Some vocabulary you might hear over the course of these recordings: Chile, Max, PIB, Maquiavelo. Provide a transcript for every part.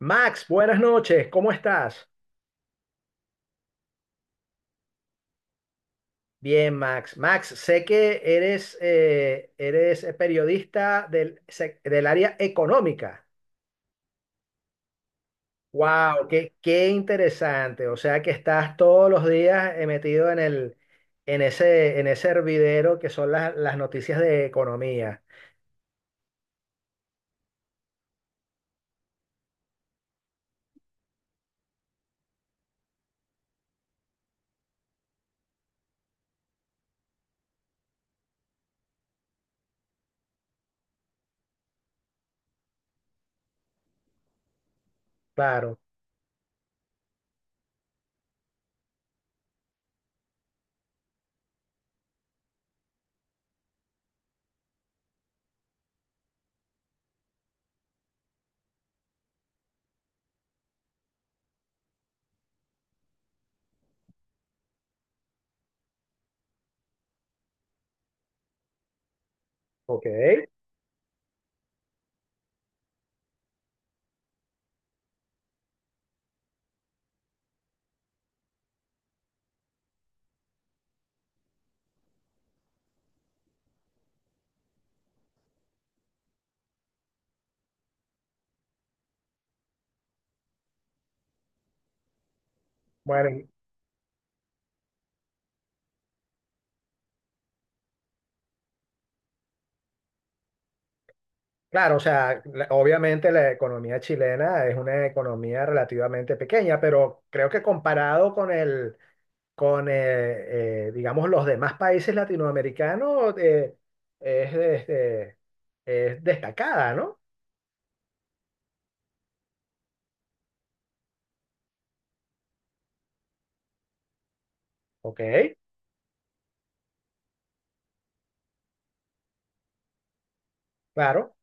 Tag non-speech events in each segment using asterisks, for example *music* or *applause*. Max, buenas noches, ¿cómo estás? Bien, Max. Max, sé que eres periodista del área económica. ¡Wow! ¡Qué interesante! O sea que estás todos los días metido en ese hervidero que son las noticias de economía. Claro. Ok. Bueno, claro, o sea, obviamente la economía chilena es una economía relativamente pequeña, pero creo que comparado con el con, digamos, los demás países latinoamericanos es, este, es destacada, ¿no? Ok, claro,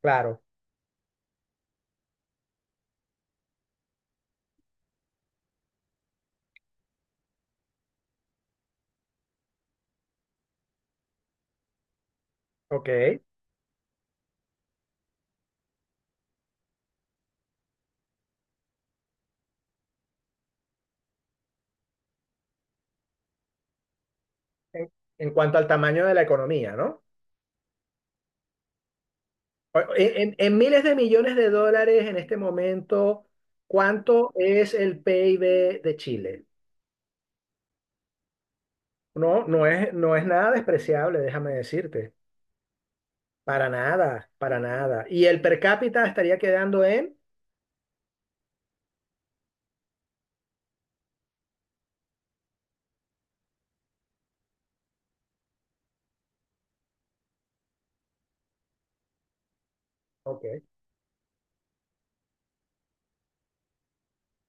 claro, ok. En, en cuanto al tamaño de la economía, ¿no? En miles de millones de dólares en este momento, ¿cuánto es el PIB de Chile? No, no es nada despreciable, déjame decirte. Para nada, para nada. Y el per cápita estaría quedando en. Ok,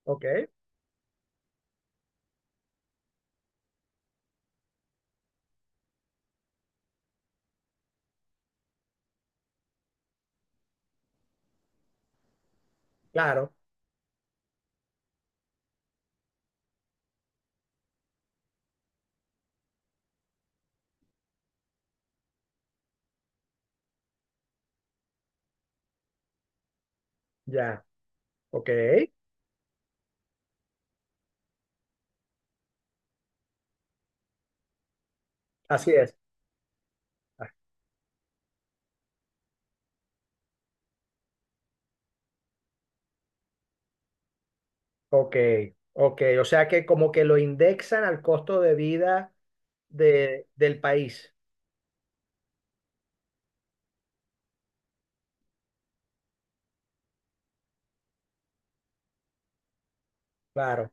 ok, claro, ya. Ok, así es. Ok, ok. O sea que como que lo indexan al costo de vida del país. Claro,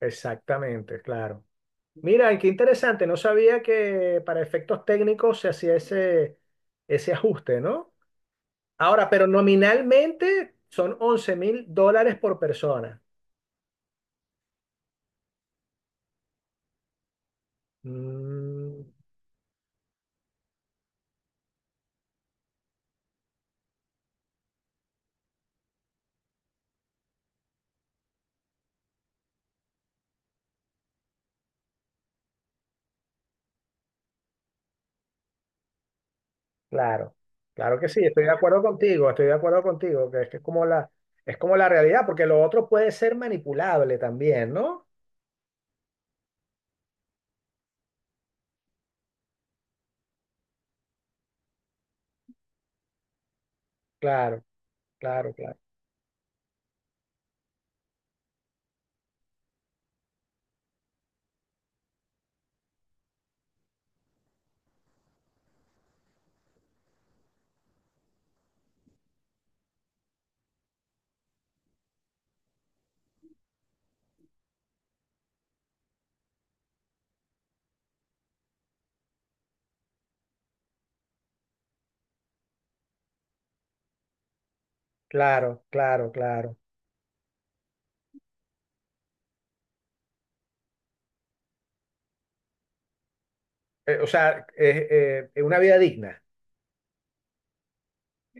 exactamente, claro. Mira, y qué interesante. No sabía que para efectos técnicos se hacía ese ajuste, ¿no? Ahora, pero nominalmente son 11.000 dólares por persona. Mm. Claro, claro que sí, estoy de acuerdo contigo, estoy de acuerdo contigo, que es como la realidad, porque lo otro puede ser manipulable también, ¿no? Claro, claro, claro, claro, claro, claro. O sea, es una vida digna.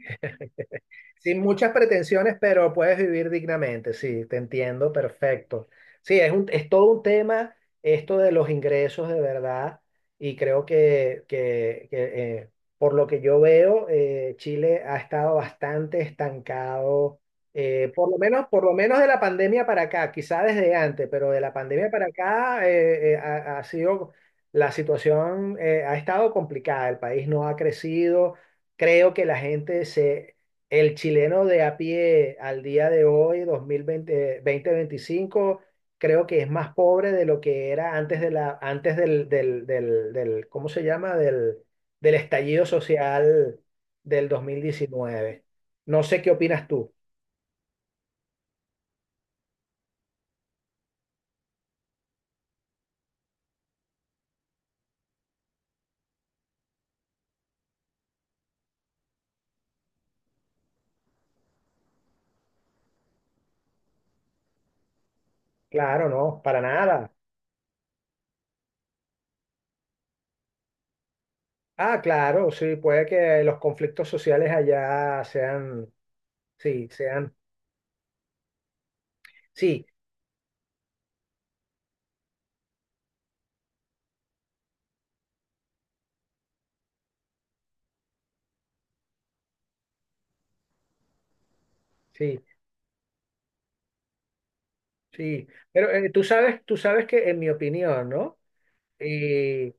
*laughs* Sin muchas pretensiones, pero puedes vivir dignamente, sí, te entiendo, perfecto. Sí, es todo un tema esto de los ingresos de verdad y creo que, eh, por lo que yo veo, Chile ha estado bastante estancado, por lo menos de la pandemia para acá, quizá desde antes, pero de la pandemia para acá ha sido, la situación ha estado complicada, el país no ha crecido. Creo que la gente se, el chileno de a pie al día de hoy, 2020, veinticinco, creo que es más pobre de lo que era antes del ¿cómo se llama? Del estallido social del 2019. No sé qué opinas tú. Claro, no, para nada. Ah, claro, sí, puede que los conflictos sociales allá sean, sí, sí, sí. Pero tú sabes que en mi opinión, ¿no? eh,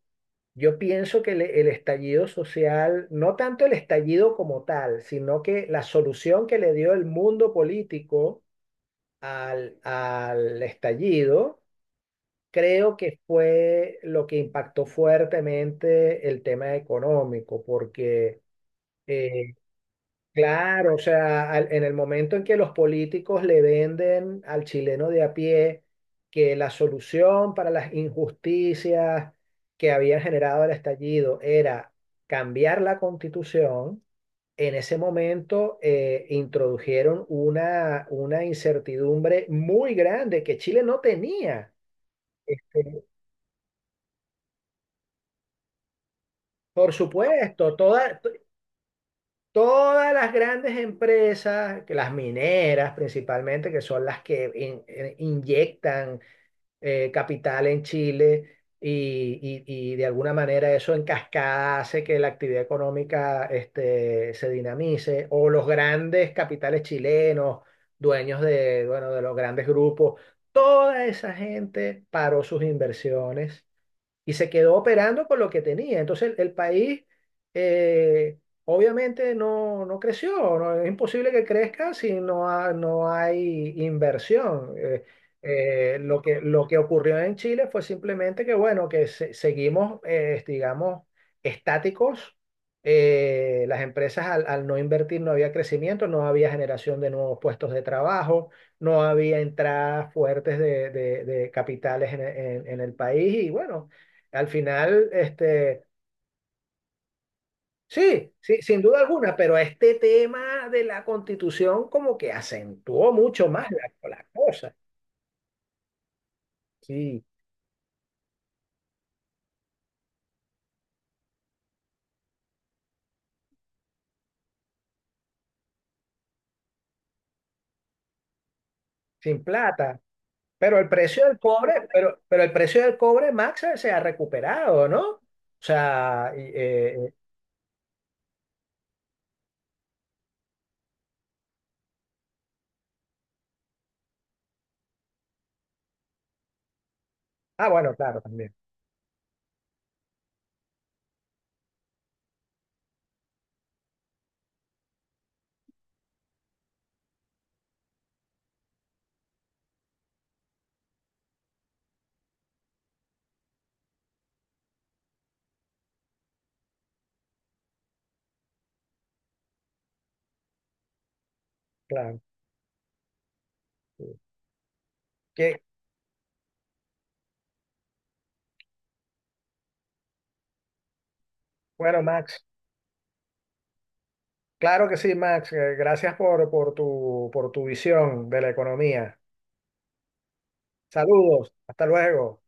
yo pienso que el estallido social, no tanto el estallido como tal, sino que la solución que le dio el mundo político al estallido, creo que fue lo que impactó fuertemente el tema económico, porque eh, Claro, o sea, en el momento en que los políticos le venden al chileno de a pie que la solución para las injusticias que habían generado el estallido era cambiar la constitución, en ese momento introdujeron una incertidumbre muy grande que Chile no tenía. Este, por supuesto, toda. Todas las grandes empresas, que las mineras principalmente, que son las que inyectan capital en Chile y, y de alguna manera eso en cascada hace que la actividad económica este, se dinamice, o los grandes capitales chilenos, dueños de, bueno, de los grandes grupos, toda esa gente paró sus inversiones y se quedó operando con lo que tenía. Entonces el país, eh, obviamente no, no creció, es imposible que crezca si no, no hay inversión. Lo que ocurrió en Chile fue simplemente que, bueno, seguimos, digamos, estáticos. Las empresas al no invertir no había crecimiento, no había generación de nuevos puestos de trabajo, no había entradas fuertes de capitales en, e- en en el país y bueno, al final, este, sí, sí, sin duda alguna, pero este tema de la constitución como que acentuó mucho más la cosa, sí, sin plata. Pero el precio del cobre, pero el precio del cobre, Max, se ha recuperado, ¿no? O sea, y, bueno, claro, también, claro. Sí. Que, bueno, Max, claro que sí, Max, gracias por tu visión de la economía. Saludos, hasta luego.